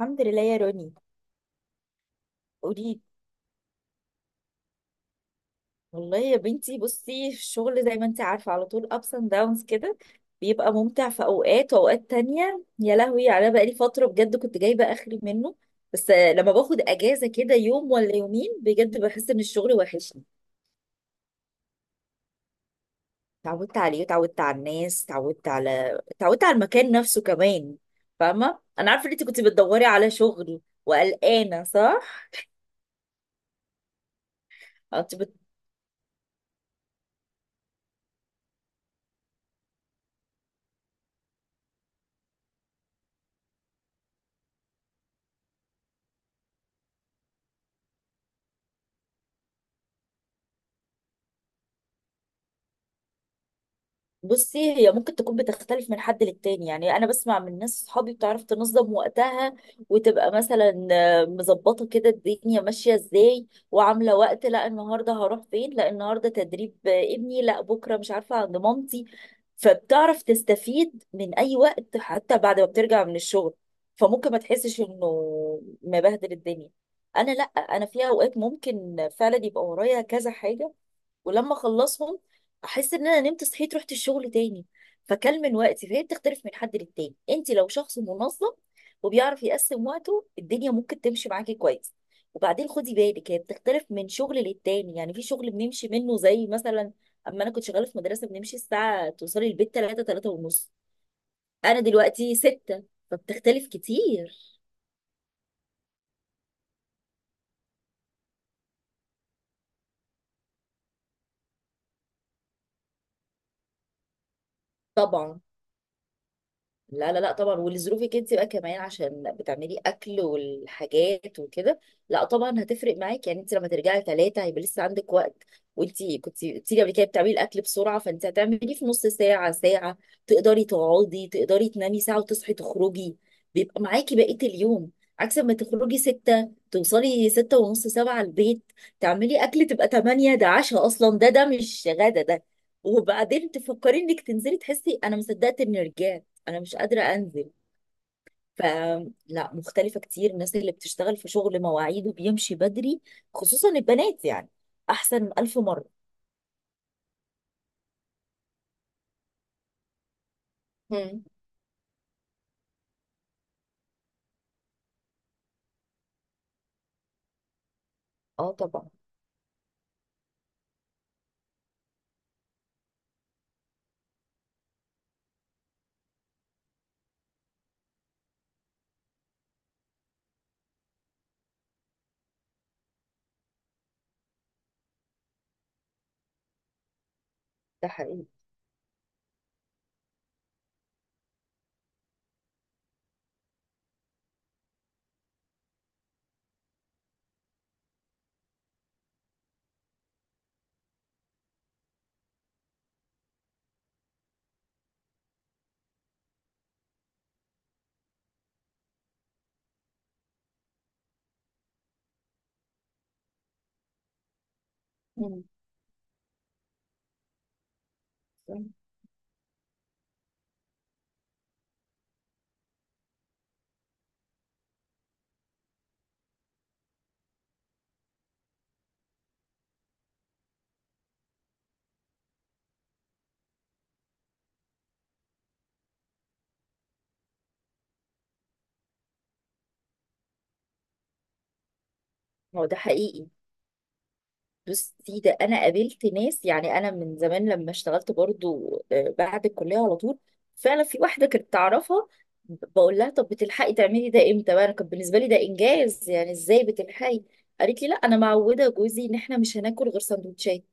الحمد لله يا روني. قولي والله يا بنتي، بصي الشغل زي ما انت عارفة على طول ups and downs كده. بيبقى ممتع في اوقات، واوقات تانية يا لهوي على بقالي فترة بجد كنت جايبة اخري منه. بس لما باخد اجازة كده يوم ولا يومين بجد بحس ان الشغل وحشني. اتعودت عليه اتعودت على الناس اتعودت على اتعودت على المكان نفسه كمان. فاهمة، انا عارفة ان انت كنت بتدوري على شغل وقلقانة، صح؟ انت بصي، هي ممكن تكون بتختلف من حد للتاني. يعني انا بسمع من ناس صحابي بتعرف تنظم وقتها وتبقى مثلا مظبطه كده الدنيا ماشيه ازاي وعامله وقت، لا النهارده هروح فين، لا النهارده تدريب ابني، لا بكره مش عارفه عند مامتي. فبتعرف تستفيد من اي وقت حتى بعد ما بترجع من الشغل. فممكن ما تحسش انه مبهدل الدنيا. انا لا، انا في اوقات ممكن فعلا يبقى ورايا كذا حاجه، ولما اخلصهم احس ان انا نمت صحيت رحت الشغل تاني. فكل من وقتي، فهي بتختلف من حد للتاني. انت لو شخص منظم وبيعرف يقسم وقته الدنيا ممكن تمشي معاكي كويس. وبعدين خدي بالك، هي بتختلف من شغل للتاني. يعني في شغل بنمشي منه زي مثلا اما انا كنت شغاله في مدرسه بنمشي الساعه توصلي البيت 3، 3 ونص. انا دلوقتي 6. فبتختلف كتير. طبعا، لا لا لا طبعا. ولظروفك انت بقى كمان عشان بتعملي اكل والحاجات وكده، لا طبعا هتفرق معاك. يعني انت لما ترجعي 3 هيبقى لسه عندك وقت. وانت كنت قلتي لي قبل كده بتعملي الاكل بسرعة، فانت هتعمليه في نص ساعة ساعة، تقدري تقعدي، تقدري تنامي ساعة وتصحي تخرجي. بيبقى معاكي بقية اليوم. عكس ما تخرجي 6 توصلي 6 ونص 7 البيت، تعملي اكل تبقى 8، ده عشاء اصلا ده مش غدا ده. وبعدين تفكري انك تنزلي، تحسي انا مصدقت اني رجعت، انا مش قادره انزل. فلا، مختلفه كتير. الناس اللي بتشتغل في شغل مواعيده بيمشي بدري، خصوصا البنات يعني، احسن الف مره. مم. اه طبعا. ده حقيقي. مم. هو ده حقيقي. بصي ده انا قابلت ناس. يعني انا من زمان لما اشتغلت برضو بعد الكليه على طول، فعلا في واحده كنت اعرفها بقول لها طب بتلحقي تعملي ده امتى بقى، انا كان بالنسبه لي ده انجاز، يعني ازاي بتلحقي. قالت لي لا انا معوده جوزي ان احنا مش هناكل غير سندوتشات.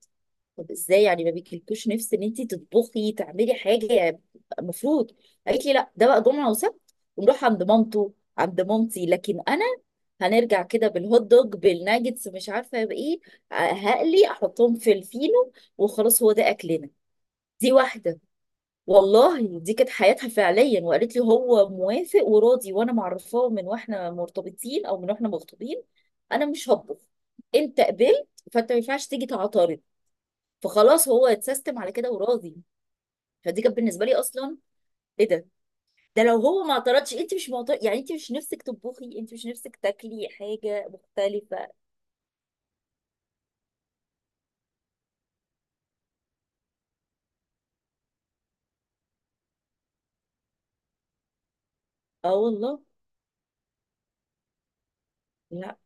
طب ازاي، يعني ما بيجيلكوش نفس ان انت تطبخي تعملي حاجه، المفروض. قالت لي لا، ده بقى جمعه وسبت ونروح عند مامته، عند مامتي، لكن انا هنرجع كده بالهوت دوج بالناجتس مش عارفه بايه، هقلي احطهم في الفينو وخلاص، هو ده اكلنا. دي واحده. والله دي كانت حياتها فعليا. وقالت لي هو موافق وراضي، وانا معرفاه من واحنا مرتبطين او من واحنا مخطوبين انا مش هطبخ، انت قبلت فانت ما ينفعش تيجي تعترض. فخلاص هو اتسيستم على كده وراضي. فدي كانت بالنسبه لي اصلا، ايه ده؟ ده لو هو ما اعترضش، انت مش معترض، يعني انت مش نفسك تطبخي، انت مش نفسك تاكلي حاجه مختلفه. اه والله. لا،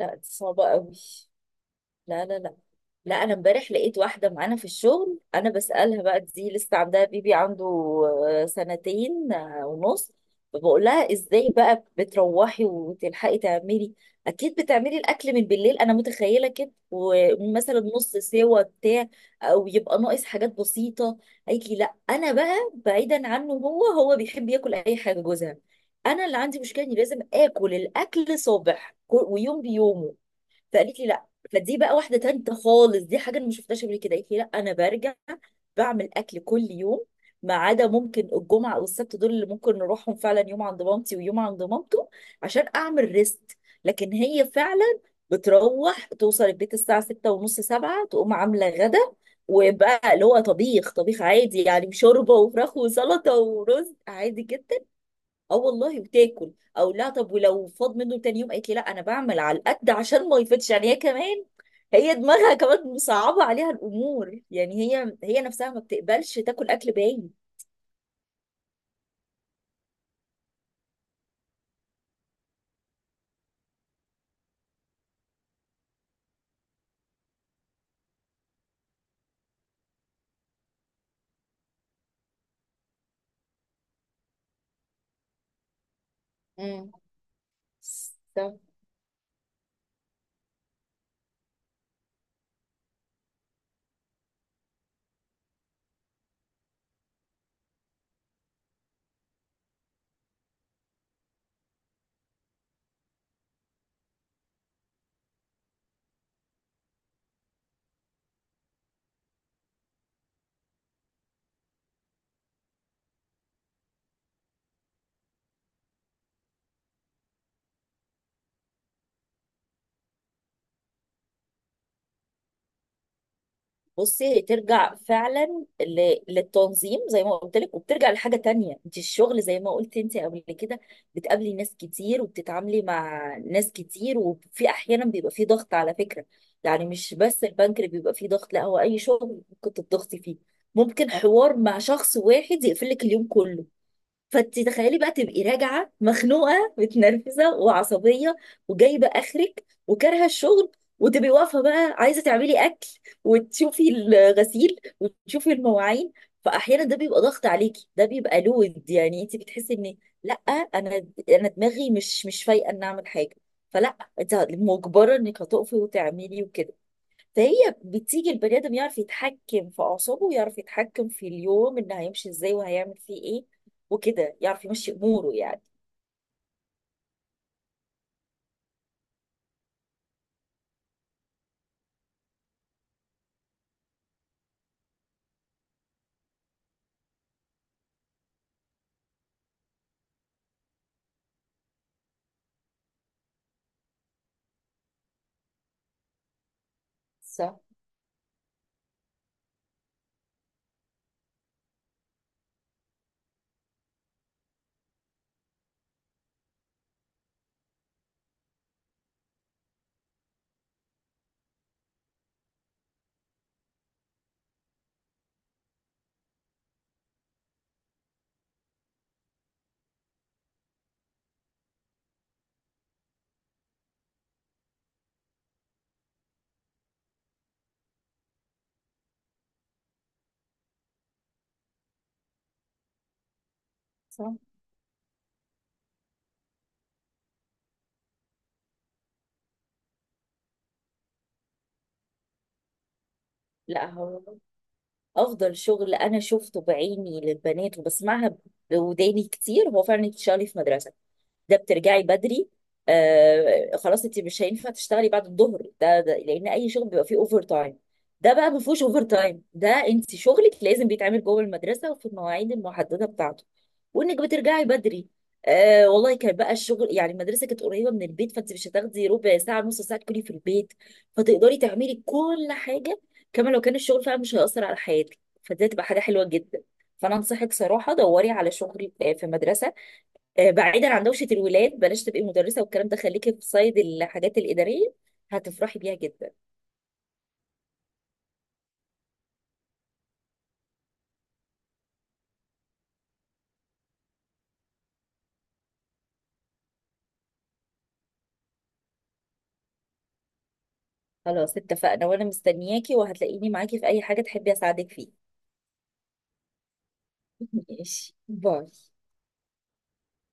لا دي صعبه قوي. لا لا لا. لا انا امبارح لقيت واحده معانا في الشغل، انا بسالها بقى، دي لسه عندها بيبي عنده سنتين ونص. فبقول لها ازاي بقى بتروحي وتلحقي تعملي، اكيد بتعملي الاكل من بالليل، انا متخيله كده، ومثلا نص سوا بتاع او يبقى ناقص حاجات بسيطه. قالت لي لا، انا بقى بعيدا عنه، هو بيحب ياكل اي حاجه جوزها، انا اللي عندي مشكله اني لازم اكل الاكل صبح ويوم بيومه. فقالت لي لا. فدي بقى واحده تالته خالص، دي حاجه انا ما شفتهاش قبل كده. قالت لي لا انا برجع بعمل اكل كل يوم، ما عدا ممكن الجمعه او السبت دول اللي ممكن نروحهم فعلا، يوم عند مامتي ويوم عند مامته عشان اعمل ريست. لكن هي فعلا بتروح توصل البيت الساعه 6 ونص 7، تقوم عامله غدا. وبقى اللي هو طبيخ، طبيخ عادي يعني، شوربه وفراخ وسلطه ورز عادي جدا. اه والله، وتاكل. او لا، طب ولو فاض منه تاني يوم؟ قالت لي لا انا بعمل على القد عشان ما يفيدش. يعني هي كمان، هي دماغها كمان مصعبه عليها الامور، يعني هي هي نفسها ما بتقبلش تاكل اكل باين. امم. بصي هي ترجع فعلا للتنظيم زي ما قلت لك، وبترجع لحاجه تانية. انت الشغل زي ما قلت انت قبل كده، بتقابلي ناس كتير وبتتعاملي مع ناس كتير، وفي احيانا بيبقى في ضغط على فكره. يعني مش بس البنك اللي بيبقى فيه ضغط، لا، هو اي شغل ممكن تضغطي فيه. ممكن حوار مع شخص واحد يقفل لك اليوم كله. فانت تخيلي بقى تبقي راجعه مخنوقه متنرفزه وعصبيه وجايبه اخرك وكارهه الشغل، وتبقي واقفه بقى عايزه تعملي اكل وتشوفي الغسيل وتشوفي المواعين. فاحيانا ده بيبقى ضغط عليكي، ده بيبقى لود، يعني انت بتحسي ان لا، انا انا دماغي مش فايقه ان اعمل حاجه. فلا، انت مجبره انك هتقفي وتعملي وكده. فهي بتيجي البني ادم يعرف يتحكم في اعصابه ويعرف يتحكم في اليوم ان هيمشي ازاي وهيعمل فيه ايه وكده، يعرف يمشي اموره يعني. صح صح. لا هو افضل شغل انا شفته بعيني للبنات وبسمعها بوداني كتير هو فعلا تشتغلي في مدرسه. ده بترجعي بدري. خلاص، انت مش هينفع تشتغلي بعد الظهر ده, لان اي شغل بيبقى فيه اوفر تايم، ده بقى ما فيهوش اوفر تايم، ده انت شغلك لازم بيتعمل جوه المدرسه وفي المواعيد المحدده بتاعته. وانك بترجعي بدري. والله كان بقى الشغل يعني، المدرسه كانت قريبه من البيت، فانت مش هتاخدي ربع ساعه نص ساعه تكوني في البيت، فتقدري تعملي كل حاجه. كما لو كان الشغل فعلا مش هيأثر على حياتك، فدي هتبقى حاجه حلوه جدا. فانا انصحك صراحه دوري على شغل في مدرسه، بعيدا عن دوشه الولاد، بلاش تبقي مدرسه والكلام ده، خليكي في صيد الحاجات الاداريه، هتفرحي بيها جدا. خلاص اتفقنا، وانا مستنياكي، وهتلاقيني معاكي في اي حاجه تحبي اساعدك فيها. ماشي، باي.